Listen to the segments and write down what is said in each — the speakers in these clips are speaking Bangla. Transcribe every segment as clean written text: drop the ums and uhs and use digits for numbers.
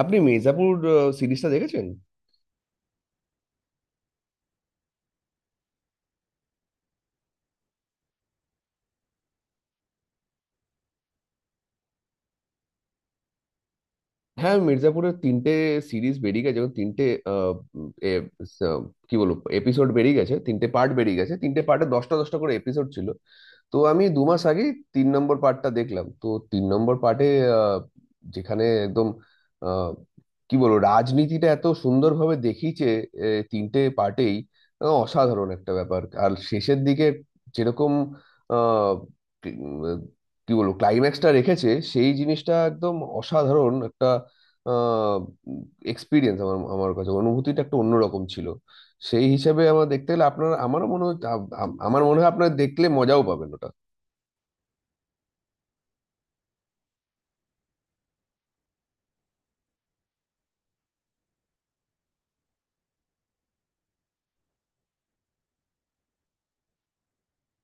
আপনি মির্জাপুর সিরিজটা দেখেছেন? হ্যাঁ, মির্জাপুরের তিনটে সিরিজ বেরিয়ে গেছে এবং তিনটে আহ, উম, এ, স, কি বলবো এপিসোড বেরিয়ে গেছে, তিনটে পার্ট বেরিয়ে গেছে, তিনটে পার্টে 10টা 10টা করে এপিসোড ছিল। তো আমি 2 মাস আগে 3 নম্বর পার্টটা দেখলাম। তো 3 নম্বর পার্টে যেখানে একদম আহ, কি বলবো, রাজনীতিটা এত সুন্দরভাবে দেখিয়েছে, এ, তিনটে পার্টেই অসাধারণ একটা ব্যাপার। আর শেষের দিকে যেরকম আহ, কি উম, কি বলবো ক্লাইম্যাক্সটা রেখেছে সেই জিনিসটা একদম অসাধারণ একটা এক্সপিরিয়েন্স। আমার আমার কাছে অনুভূতিটা একটা অন্যরকম ছিল। সেই হিসাবে আমার দেখতে গেলে আপনার আমারও মনে হয় আমার মনে হয় আপনার দেখলে মজাও পাবেন ওটা।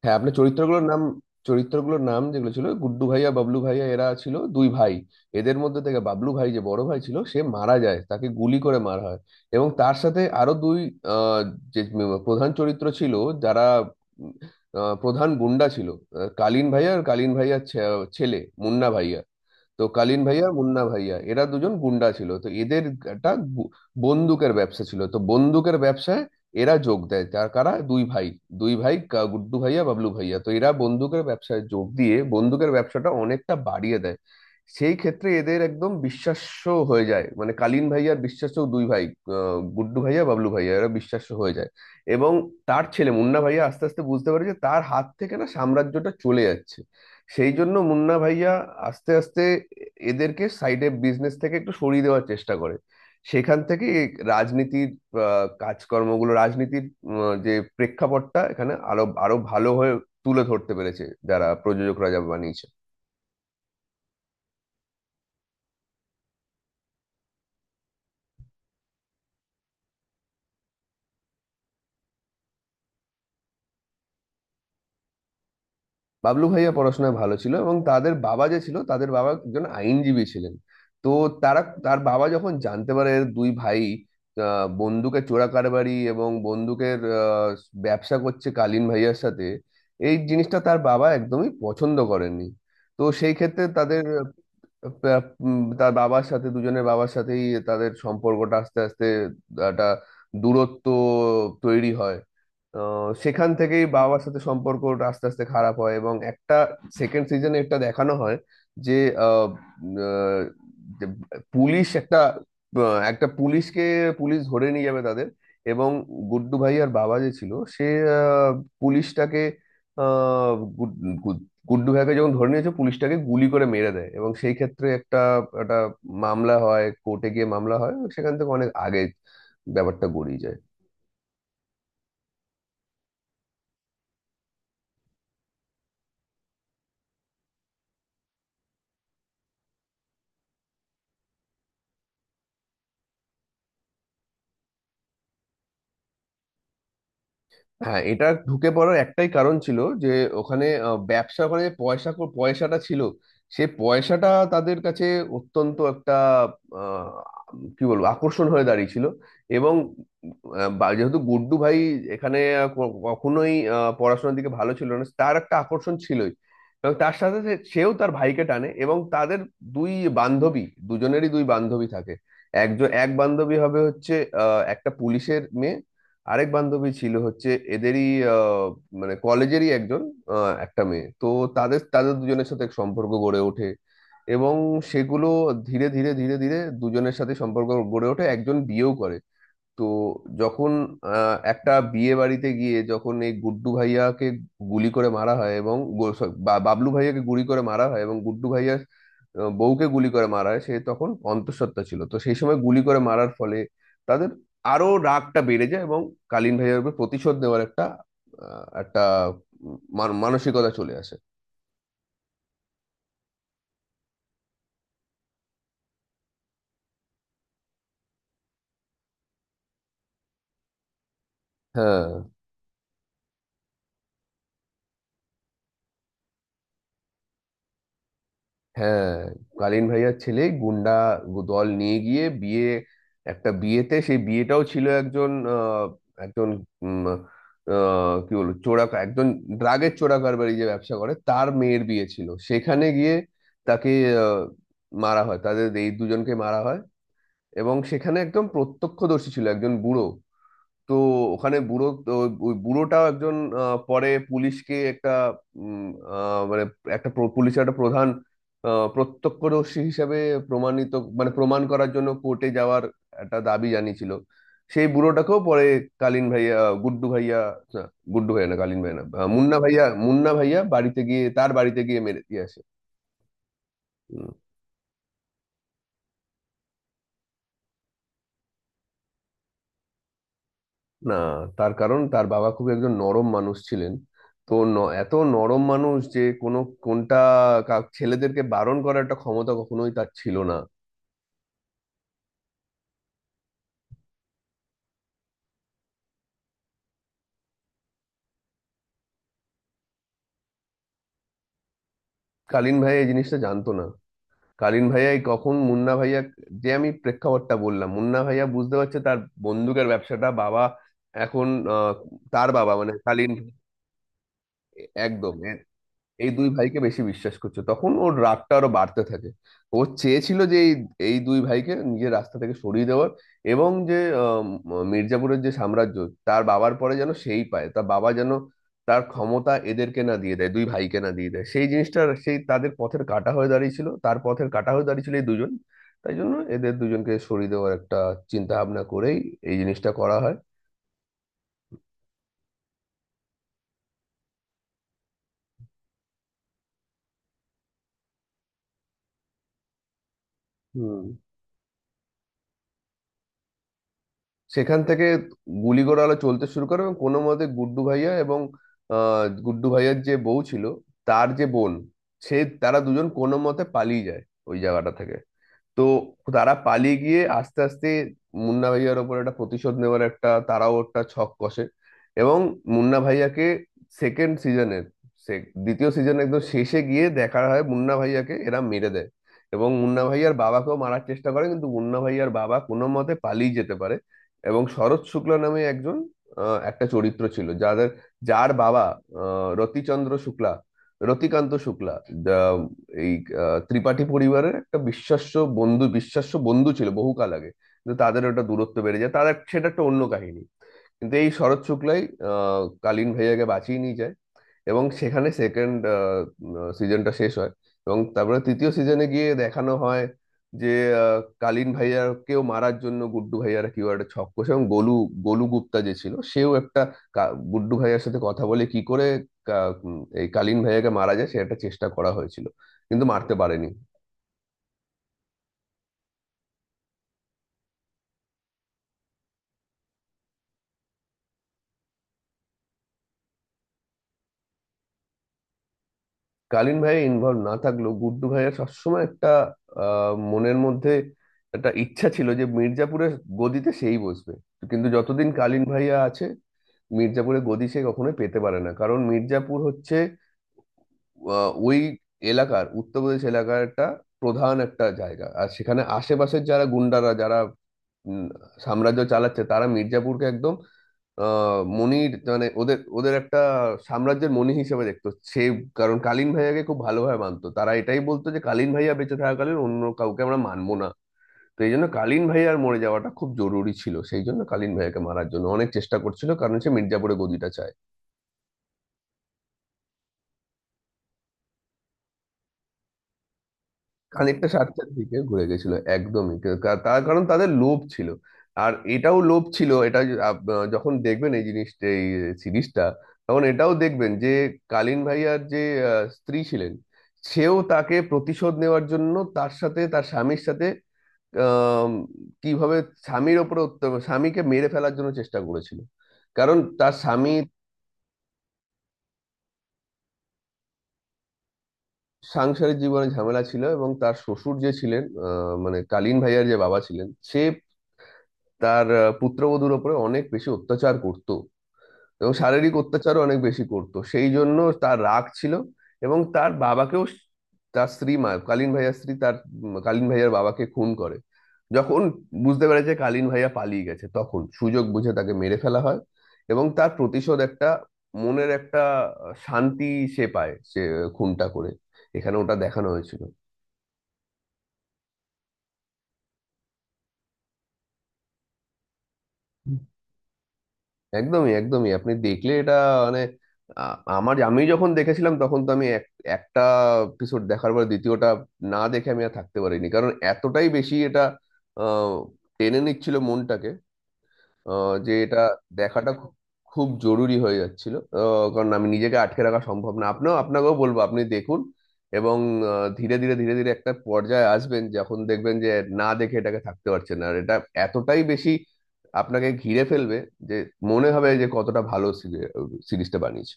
হ্যাঁ আপনার চরিত্রগুলোর নাম, যেগুলো ছিল গুড্ডু ভাইয়া বাবলু ভাইয়া, এরা ছিল দুই ভাই। এদের মধ্যে থেকে বাবলু ভাই, যে বড় ভাই ছিল, সে মারা যায়, তাকে গুলি করে মারা হয়। এবং তার সাথে আরো দুই আহ, যে প্রধান চরিত্র ছিল, যারা উম, প্রধান গুন্ডা ছিল, কালীন ভাইয়া আর কালীন ভাইয়ার ছেলে মুন্না ভাইয়া। তো কালীন ভাইয়া আর মুন্না ভাইয়া, এরা দুজন গুন্ডা ছিল, তো এদের একটা বন্দুকের ব্যবসা ছিল। তো বন্দুকের ব্যবসায় এরা যোগ দেয়, তার কারা দুই ভাই, দুই ভাই গুড্ডু ভাইয়া বাবলু ভাইয়া। তো এরা বন্দুকের ব্যবসায় যোগ দিয়ে বন্দুকের ব্যবসাটা অনেকটা বাড়িয়ে দেয়। সেই ক্ষেত্রে এদের একদম বিশ্বাস্য হয়ে যায়, মানে কালীন ভাইয়ার বিশ্বাস্য দুই ভাই গুড্ডু ভাইয়া বাবলু ভাইয়া, এরা বিশ্বাস্য হয়ে যায়। এবং তার ছেলে মুন্না ভাইয়া আস্তে আস্তে বুঝতে পারে যে তার হাত থেকে না সাম্রাজ্যটা চলে যাচ্ছে। সেই জন্য মুন্না ভাইয়া আস্তে আস্তে এদেরকে সাইডে, বিজনেস থেকে একটু সরিয়ে দেওয়ার চেষ্টা করে। সেখান থেকে এই রাজনীতির কাজকর্মগুলো, রাজনীতির যে প্রেক্ষাপটটা, এখানে আরো আরো ভালো হয়ে তুলে ধরতে পেরেছে যারা প্রযোজকরা, যা বানিয়েছে। বাবলু ভাইয়া পড়াশোনায় ভালো ছিল এবং তাদের বাবা যে ছিল, তাদের বাবা একজন আইনজীবী ছিলেন। তো তারা তার বাবা যখন জানতে পারে এর দুই ভাই বন্দুকের চোরা কারবারি এবং বন্দুকের ব্যবসা করছে কালীন ভাইয়ার সাথে, এই জিনিসটা তার বাবা একদমই পছন্দ করেননি। তো সেই ক্ষেত্রে তাদের তার বাবার সাথে, দুজনের বাবার সাথেই তাদের সম্পর্কটা আস্তে আস্তে একটা দূরত্ব তৈরি হয়। সেখান থেকেই বাবার সাথে সম্পর্কটা আস্তে আস্তে খারাপ হয়, এবং একটা সেকেন্ড সিজনে একটা দেখানো হয়, যে আহ, উম, আহ, যে পুলিশ একটা একটা পুলিশকে, পুলিশ ধরে নিয়ে যাবে তাদের। এবং গুড্ডু ভাই আর বাবা যে ছিল সে আহ, পুলিশটাকে আহ, গুড- গুড- গুড্ডু ভাইকে যখন ধরে নিয়েছে, পুলিশটাকে গুলি করে মেরে দেয়। এবং সেই ক্ষেত্রে একটা একটা মামলা হয়, কোর্টে গিয়ে মামলা হয়, সেখান থেকে অনেক আগে ব্যাপারটা গড়িয়ে যায়। হ্যাঁ, এটা ঢুকে পড়ার একটাই কারণ ছিল, যে ওখানে ব্যবসা করে যে পয়সা পয়সাটা ছিল, সে পয়সাটা তাদের কাছে অত্যন্ত একটা আহ, কি বলবো আকর্ষণ হয়ে দাঁড়িয়েছিল। এবং যেহেতু গুড্ডু ভাই এখানে কখনোই পড়াশোনার দিকে ভালো ছিল না, তার একটা আকর্ষণ ছিলই। এবং তার সাথে সেও তার ভাইকে টানে। এবং তাদের দুই বান্ধবী, দুজনেরই দুই বান্ধবী থাকে। একজন এক বান্ধবী হবে, হচ্ছে একটা পুলিশের মেয়ে। আরেক বান্ধবী ছিল, হচ্ছে এদেরই আহ, মানে কলেজেরই একজন একটা মেয়ে। তো তাদের তাদের দুজনের সাথে এক সম্পর্ক গড়ে ওঠে। এবং সেগুলো ধীরে ধীরে দুজনের সাথে সম্পর্ক গড়ে ওঠে, একজন বিয়েও করে। তো যখন একটা বিয়ে বাড়িতে গিয়ে, যখন এই গুড্ডু ভাইয়াকে গুলি করে মারা হয়, এবং বাবলু ভাইয়াকে গুলি করে মারা হয়, এবং গুড্ডু ভাইয়া বউকে গুলি করে মারা হয়, সে তখন অন্তঃসত্ত্বা ছিল, তো সেই সময় গুলি করে মারার ফলে তাদের আরো রাগটা বেড়ে যায়। এবং কালীন ভাইয়ার উপর প্রতিশোধ নেওয়ার একটা আহ, একটা উম, মান- মানসিকতা চলে আসে। হ্যাঁ, হ্যাঁ, কালীন ভাইয়ার ছেলে গুন্ডা দল নিয়ে গিয়ে বিয়ে, একটা বিয়েতে, সেই বিয়েটাও ছিল একজন একজন উম, কি বলবো চোরা, একজন ড্রাগের চোরা কারবারি, যে ব্যবসা করে তার মেয়ের বিয়ে ছিল। সেখানে গিয়ে তাকে আহ, মারা হয়, তাদের এই দুজনকে মারা হয়। এবং সেখানে একদম প্রত্যক্ষদর্শী ছিল একজন বুড়ো। তো ওখানে বুড়ো তো, ওই বুড়োটাও একজন পরে পুলিশকে একটা উম, মানে একটা পুলিশের একটা প্রধান প্রত্যক্ষদর্শী হিসেবে প্রমাণিত, মানে প্রমাণ করার জন্য কোর্টে যাওয়ার একটা দাবি জানিয়েছিল। সেই বুড়োটাকেও পরে কালীন ভাইয়া, গুড্ডু ভাইয়া, না, গুড্ডু ভাইয়া না, কালীন ভাইয়া না, আহ, মুন্না ভাইয়া মুন্না ভাইয়া বাড়িতে গিয়ে, তার বাড়িতে গিয়ে মেরে দিয়ে আসে। না, তার কারণ তার বাবা খুব একজন নরম মানুষ ছিলেন। তো এত নরম মানুষ যে কোনো, কোনটা, ছেলেদেরকে বারণ করার একটা ক্ষমতা কখনোই তার ছিল না। কালীন ভাইয়া এই জিনিসটা জানতো না। কালীন ভাইয়াই কখন মুন্না ভাইয়া, যে আমি প্রেক্ষাপটটা বললাম, মুন্না ভাইয়া বুঝতে পারছে তার বন্দুকের ব্যবসাটা বাবা এখন, আহ, তার বাবা, মানে কালীন, একদম এই দুই ভাইকে বেশি বিশ্বাস করছে, তখন ওর রাগটা আরো বাড়তে থাকে। ও চেয়েছিল যে এই, এই দুই ভাইকে নিজের রাস্তা থেকে সরিয়ে দেওয়ার, এবং যে মির্জাপুরের যে সাম্রাজ্য, তার বাবার পরে যেন সেই পায়, তার বাবা যেন তার ক্ষমতা এদেরকে না দিয়ে দেয়, দুই ভাইকে না দিয়ে দেয়। সেই জিনিসটা সেই তাদের পথের কাঁটা হয়ে দাঁড়িয়েছিল, তার পথের কাঁটা হয়ে দাঁড়িয়েছিল এই দুজন। তাই জন্য এদের দুজনকে সরিয়ে দেওয়ার একটা চিন্তা ভাবনা করেই এই জিনিসটা করা হয়। হুম, সেখান থেকে গুলিগোড়া আলো চলতে শুরু করে। এবং কোনো মতে গুড্ডু ভাইয়া এবং গুড্ডু ভাইয়ার যে বউ ছিল, তার যে বোন, সে, তারা দুজন কোনো মতে পালিয়ে যায় ওই জায়গাটা থেকে। তো তারা পালিয়ে গিয়ে আস্তে আস্তে মুন্না ভাইয়ার ওপর একটা প্রতিশোধ নেওয়ার একটা, তারাও একটা ছক কষে, এবং মুন্না ভাইয়াকে সেকেন্ড সিজনের, দ্বিতীয় সিজন একদম শেষে গিয়ে দেখা হয় মুন্না ভাইয়াকে এরা মেরে দেয়। এবং মুন্না ভাইয়ার বাবাকেও মারার চেষ্টা করে, কিন্তু মুন্না ভাইয়ার বাবা কোনো মতে পালিয়ে যেতে পারে। এবং শরৎ শুক্লা নামে একজন, একটা চরিত্র ছিল যাদের, যার বাবা আহ, রতিচন্দ্র শুক্লা রতিকান্ত শুক্লা, এই ত্রিপাঠী পরিবারের একটা বিশ্বাস্য বন্ধু, বিশ্বাস্য বন্ধু ছিল বহুকাল আগে। কিন্তু তাদের ওটা দূরত্ব বেড়ে যায় তাদের, সেটা একটা অন্য কাহিনী। কিন্তু এই শরৎ শুক্লাই কালীন ভাইয়াকে বাঁচিয়ে নিয়ে যায়, এবং সেখানে সেকেন্ড সিজনটা শেষ হয়। এবং তারপরে তৃতীয় সিজনে গিয়ে দেখানো হয় যে আহ, কালীন ভাইয়াকেও মারার জন্য গুড্ডু ভাইয়ারা কিউ একটা ছক কষে, এবং গোলু, গোলু গুপ্তা যে ছিল, সেও একটা গুড্ডু ভাইয়ার সাথে কথা বলে কি করে এই কালীন ভাইয়াকে মারা যায়, সে একটা চেষ্টা করা হয়েছিল কিন্তু মারতে পারেনি। কালীন ভাইয়া ইনভলভ না থাকলেও গুড্ডু ভাইয়ার সবসময় একটা মনের মধ্যে একটা ইচ্ছা ছিল যে মির্জাপুরের গদিতে সেই বসবে, কিন্তু যতদিন কালীন ভাইয়া আছে, মির্জাপুরে গদি সে কখনোই পেতে পারে না। কারণ মির্জাপুর হচ্ছে ওই এলাকার, উত্তরপ্রদেশ এলাকার একটা প্রধান একটা জায়গা। আর সেখানে আশেপাশের যারা গুন্ডারা, যারা উম, সাম্রাজ্য চালাচ্ছে, তারা মির্জাপুরকে একদম আহ মনির মানে ওদের ওদের একটা সাম্রাজ্যের মনি হিসেবে দেখতো সে। কারণ কালীন ভাইয়াকে খুব ভালোভাবে মানতো তারা, এটাই বলতো যে কালীন ভাইয়া বেঁচে থাকাকালীন অন্য কাউকে আমরা মানবো না। তো এই জন্য কালীন ভাইয়ার মরে যাওয়াটা খুব জরুরি ছিল, সেই জন্য কালীন ভাইয়াকে মারার জন্য অনেক চেষ্টা করছিল, কারণ সে মির্জাপুরে গদিটা চায়। খানিকটা স্বার্থের দিকে ঘুরে গেছিল একদমই, তার কারণ তাদের লোভ ছিল। আর এটাও লোভ ছিল, এটা যখন দেখবেন এই জিনিসটা, এই সিরিজটা, তখন এটাও দেখবেন যে কালীন ভাইয়ার যে স্ত্রী ছিলেন, সেও তাকে প্রতিশোধ নেওয়ার জন্য তার সাথে, তার স্বামীর সাথে আম, কিভাবে স্বামীর ওপরে স্বামীকে মেরে ফেলার জন্য চেষ্টা করেছিল। কারণ তার স্বামী সাংসারিক জীবনে ঝামেলা ছিল, এবং তার শ্বশুর যে ছিলেন, মানে কালীন ভাইয়ার যে বাবা ছিলেন, সে তার পুত্রবধূর উপরে অনেক বেশি অত্যাচার করত, এবং শারীরিক অত্যাচারও অনেক বেশি করত। সেই জন্য তার রাগ ছিল। এবং তার বাবাকেও তার স্ত্রী মা, কালীন ভাইয়ার স্ত্রী তার কালীন ভাইয়ার বাবাকে খুন করে। যখন বুঝতে পেরেছে কালীন ভাইয়া পালিয়ে গেছে, তখন সুযোগ বুঝে তাকে মেরে ফেলা হয়। এবং তার প্রতিশোধ একটা মনের একটা শান্তি সে পায়, সে খুনটা করে, এখানে ওটা দেখানো হয়েছিল। একদমই, একদমই, আপনি দেখলে এটা, মানে আ- আমার, আমি যখন দেখেছিলাম তখন তো আমি একটা এপিসোড দেখার পর দ্বিতীয়টা না দেখে আমি আর থাকতে পারিনি। কারণ এতটাই বেশি এটা আহ, টেনে নিচ্ছিল মনটাকে, যে এটা দেখাটা খুব খুব জরুরি হয়ে যাচ্ছিল। কারণ আমি নিজেকে আটকে রাখা সম্ভব না, আপনিও, আপনাকেও বলবো আপনি দেখুন। এবং ধীরে ধীরে একটা পর্যায়ে আসবেন, যখন দেখবেন যে না দেখে এটাকে থাকতে পারছেন না। আর এটা এতটাই বেশি আপনাকে ঘিরে ফেলবে, যে মনে হবে যে কতটা ভালো সিরিজটা বানিয়েছে।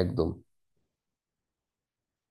একদম।